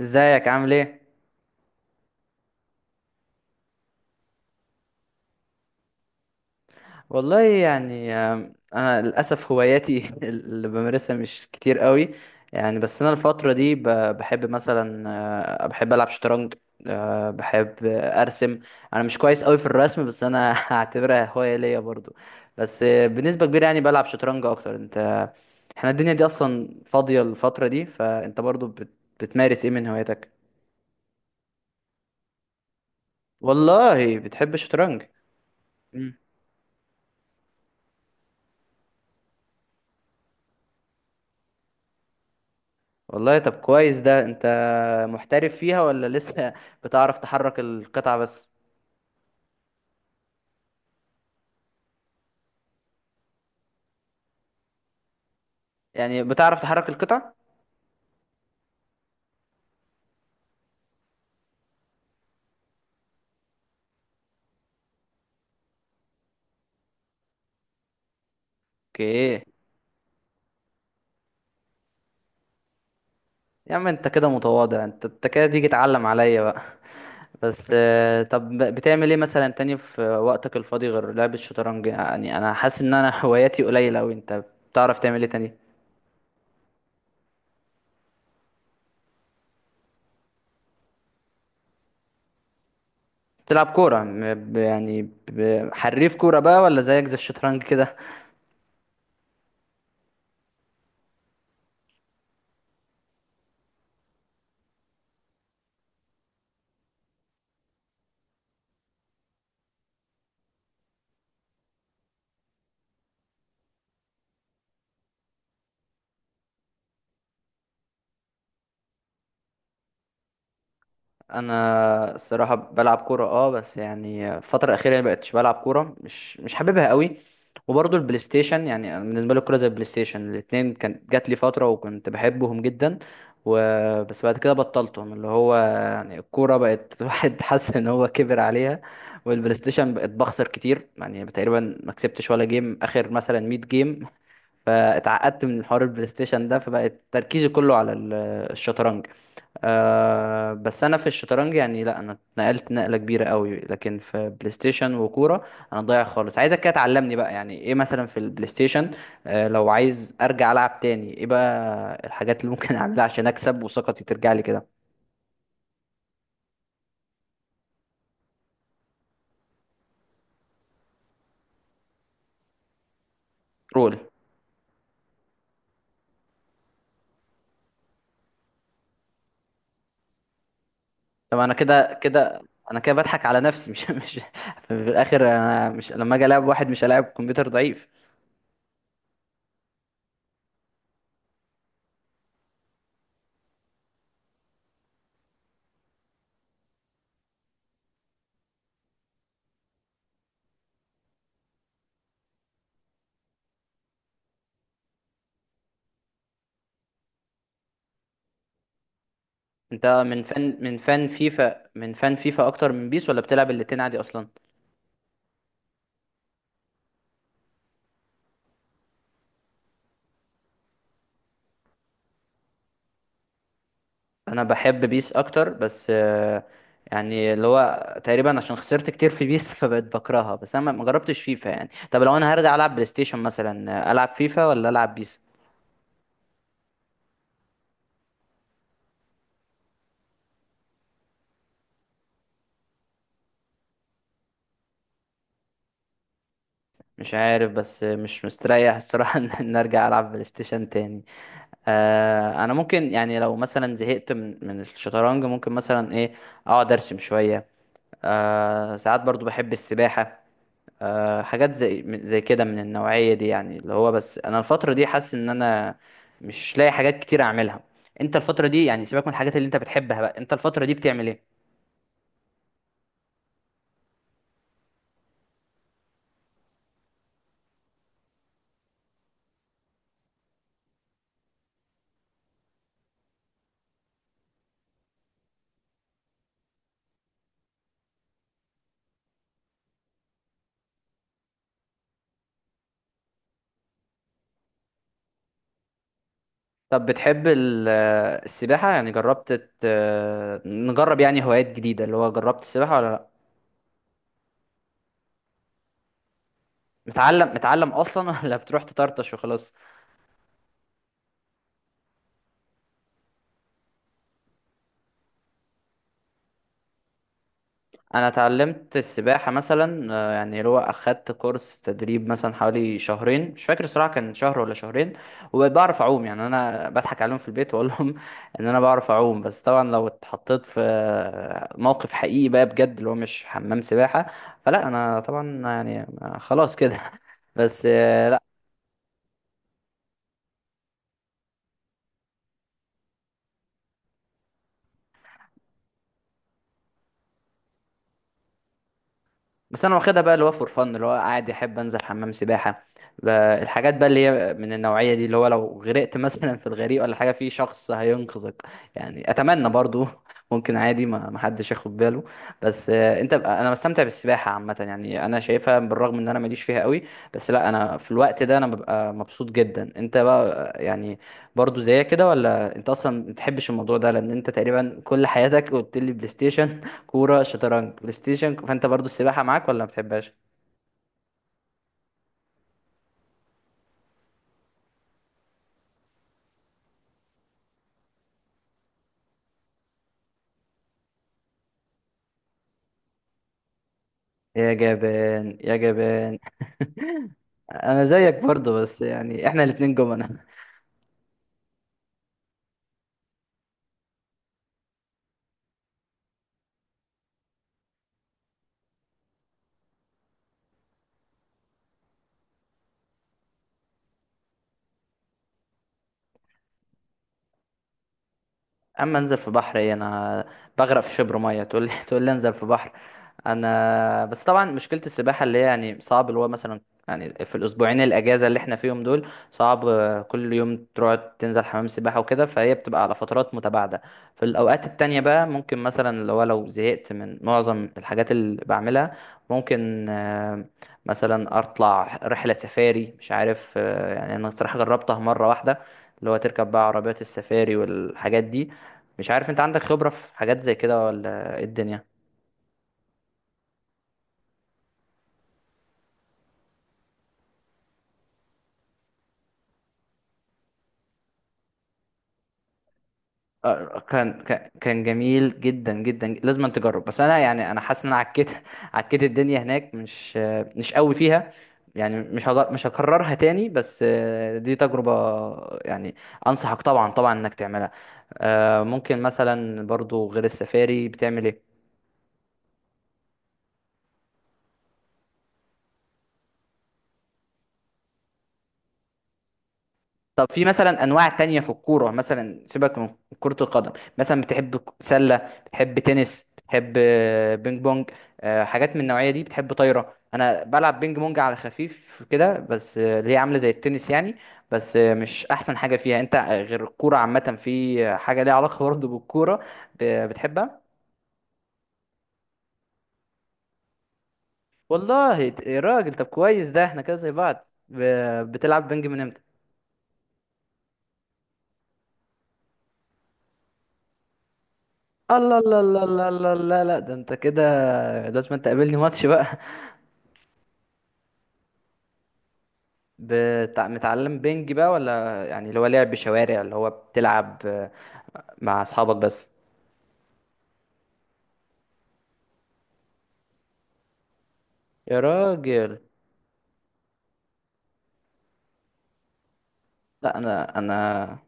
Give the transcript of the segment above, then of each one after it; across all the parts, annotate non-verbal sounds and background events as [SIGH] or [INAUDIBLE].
ازيك عامل ايه؟ والله يعني انا للاسف هواياتي [LAUGHS] اللي بمارسها مش كتير قوي. يعني بس انا الفتره دي بحب مثلا، بحب العب شطرنج. آه، بحب آه، ارسم. انا مش كويس قوي في الرسم بس انا [LAUGHS] هعتبرها هوايه ليا برضو. بس بنسبه كبيره يعني بلعب شطرنج اكتر. انت احنا الدنيا دي اصلا فاضيه الفتره دي، فانت برضو بتمارس ايه من هواياتك؟ والله بتحب الشطرنج؟ والله طب كويس ده. انت محترف فيها ولا لسه بتعرف تحرك القطع بس؟ يعني بتعرف تحرك القطع؟ اوكي. يا عم انت كده متواضع، انت كده تيجي تعلم عليا بقى [LAUGHS] بس طب بتعمل ايه مثلا تاني في وقتك الفاضي غير لعب الشطرنج؟ يعني انا حاسس ان انا هواياتي قليلة اوي. انت بتعرف تعمل ايه تاني؟ بتلعب كورة يعني حريف كورة بقى ولا زيك زي الشطرنج كده؟ انا الصراحه بلعب كوره، اه، بس يعني الفتره الاخيره يعني بقتش بلعب كوره، مش حاببها قوي. وبرضه البلاي ستيشن، يعني أنا بالنسبه لي الكوره زي البلاي ستيشن، الاثنين كانت جات لي فتره وكنت بحبهم جدا. و... بس بعد كده بطلتهم، اللي هو يعني الكوره بقت [LAUGHS] الواحد حاسس ان هو كبر عليها، والبلاي ستيشن بقت بخسر كتير، يعني تقريبا ما كسبتش ولا جيم اخر، مثلا 100 جيم، فاتعقدت من حوار البلاي ستيشن ده فبقت تركيزي كله على الشطرنج. أه بس انا في الشطرنج يعني لا، انا اتنقلت نقله كبيره قوي، لكن في بلاي ستيشن وكوره انا ضايع خالص. عايزك كده تعلمني بقى، يعني ايه مثلا في البلاي ستيشن أه لو عايز ارجع العب تاني، ايه بقى الحاجات اللي ممكن [LAUGHS] اعملها عشان اكسب وثقتي ترجع لي كده؟ رول. طب انا كده كده انا كده بضحك على نفسي، مش [LAUGHS] مش في الاخر. انا مش لما اجي العب واحد مش هلاعب كمبيوتر ضعيف. انت من فن فيفا من فن فيفا اكتر من بيس، ولا بتلعب الاتنين عادي اصلا؟ انا بحب بيس اكتر بس يعني اللي هو تقريبا عشان خسرت كتير في بيس [LAUGHS] فبقيت بكرهها، بس انا ما جربتش فيفا يعني. طب لو انا هرجع العب بلاي ستيشن مثلا، العب فيفا ولا العب بيس؟ مش عارف، بس مش مستريح الصراحة [LAUGHS] إن ارجع العب بلاي ستيشن تاني. انا ممكن يعني لو مثلا زهقت من الشطرنج ممكن مثلا ايه، اقعد ارسم شوية. ساعات برضو بحب السباحة. حاجات زي كده من النوعية دي، يعني اللي هو بس انا الفترة دي حاسس ان انا مش لاقي حاجات كتير اعملها. انت الفترة دي، يعني سيبك من الحاجات اللي انت بتحبها بقى، انت الفترة دي بتعمل ايه؟ طب بتحب السباحة؟ يعني جربت نجرب يعني هوايات جديدة، اللي هو جربت السباحة ولا لا؟ متعلم متعلم اصلا [LAUGHS] ولا بتروح تطرطش وخلاص؟ انا اتعلمت السباحه مثلا، يعني اللي هو اخدت كورس تدريب مثلا حوالي شهرين، مش فاكر الصراحه كان شهر ولا شهرين، وبعرف اعوم يعني. انا بضحك عليهم في البيت واقول لهم [LAUGHS] ان انا بعرف اعوم، بس طبعا لو اتحطيت في موقف حقيقي بقى بجد اللي هو مش حمام سباحه، فلا انا طبعا يعني خلاص كده [LAUGHS] بس بس انا واخدها بقى اللي هو فور فن، اللي هو قاعد يحب انزل حمام سباحه، ب- الحاجات بقى اللي هي من النوعيه دي، اللي هو لو غرقت مثلا في الغريق ولا حاجه في شخص هينقذك. يعني اتمنى برضو [LAUGHS] ممكن عادي ما حدش ياخد باله. بس انت بقى، انا بستمتع بالسباحه عامه يعني، انا شايفها بالرغم ان انا ماليش فيها قوي، بس لا انا في الوقت ده انا ببقى مبسوط جدا. انت بقى يعني برضو زيك كده ولا انت اصلا ما بتحبش الموضوع ده، لان انت تقريبا كل حياتك قلت لي بلاي ستيشن، كورة، شطرنج، بلاي ستيشن، فانت برضو السباحة معاك ولا ما بتحبهاش؟ يا جبان يا جبان. انا زيك برضو، بس يعني احنا الاتنين جمل. اما انزل في بحر؟ ايه؟ انا بغرق في شبر ميه تقول لي [LAUGHS] تقول لي انزل في بحر! انا بس طبعا مشكله السباحه اللي هي يعني صعب، اللي هو مثلا يعني في الاسبوعين الاجازه اللي احنا فيهم دول صعب كل يوم تروح تنزل حمام سباحه وكده، فهي بتبقى على فترات متباعده. في الاوقات التانية بقى ممكن مثلا لو زهقت من معظم الحاجات اللي بعملها، ممكن مثلا اطلع رحله سفاري، مش عارف. يعني انا صراحه جربتها مره واحده، اللي هو تركب بقى عربيات السفاري والحاجات دي. مش عارف انت عندك خبرة في حاجات زي كده ولا ايه الدنيا؟ كان جميل جدا جدا، لازم أن تجرب. بس انا يعني انا حاسس ان انا عكيت [LAUGHS] عكيت الدنيا هناك، مش قوي فيها يعني، مش هكررها تاني، بس دي تجربة يعني انصحك طبعا طبعا انك تعملها. ممكن مثلا برضو غير السفاري بتعمل ايه؟ طب في مثلا انواع تانية في الكوره، مثلا سيبك من كرة القدم، مثلا بتحب سلة؟ بتحب تنس؟ بتحب بينج بونج؟ حاجات من النوعية دي؟ بتحب طايرة؟ انا بلعب بينج بونج على خفيف كده، بس اللي هي عاملة زي التنس يعني، بس مش احسن حاجة فيها. انت غير الكورة عامة، في حاجة ليها علاقة برضه بالكورة ب- بتحبها؟ والله يا راجل طب كويس ده، احنا كده زي بعض. بتلعب بينج من امتى؟ الله الله الله الله الله الله، لا ده انت كده لازم انت تقابلني ماتش بقى. متعلم بينج بقى ولا يعني اللي هو لعب شوارع اللي هو بتلعب مع اصحابك بس؟ يا راجل. لا انا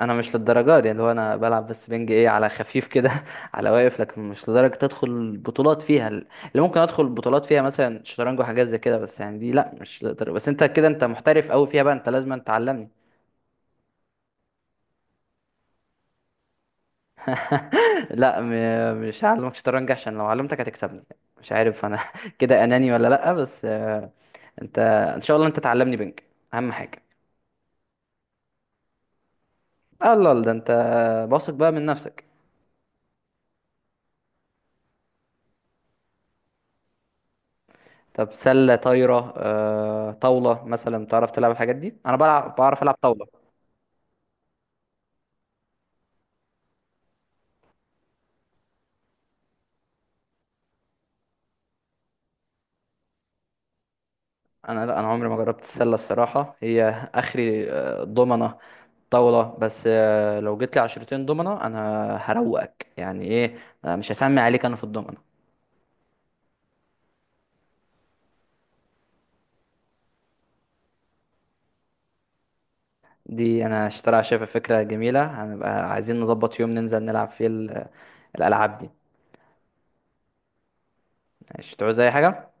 انا مش للدرجه دي، اللي هو انا بلعب بس بينج، ايه، على خفيف كده [LAUGHS] على واقف، لكن مش لدرجه تدخل بطولات فيها. اللي ممكن ادخل بطولات فيها مثلا شطرنج وحاجات زي كده، بس يعني دي لا مش لدرجة. بس انت كده انت محترف قوي فيها بقى، انت لازم تعلمني. [LAUGHS] لا مش هعلمك شطرنج عشان لو علمتك هتكسبني. مش عارف انا [LAUGHS] كده اناني ولا لا. بس انت ان شاء الله انت تعلمني بنك، اهم حاجه. الله، ده انت واثق بقى من نفسك. طب سله، طايره، طاوله، مثلا بتعرف تلعب الحاجات دي؟ انا بلعب، بعرف العب طاوله. انا لا انا عمري ما جربت السله الصراحه، هي اخري ضمنه، طاوله. بس لو جيت لي عشرتين ضمنه انا هروقك، يعني ايه، مش هسمي عليك انا في الضمنه. دي انا اشتريها، شايفها فكره جميله، هنبقى عايزين نظبط يوم ننزل نلعب فيه الالعاب دي. مش تعوز اي حاجه.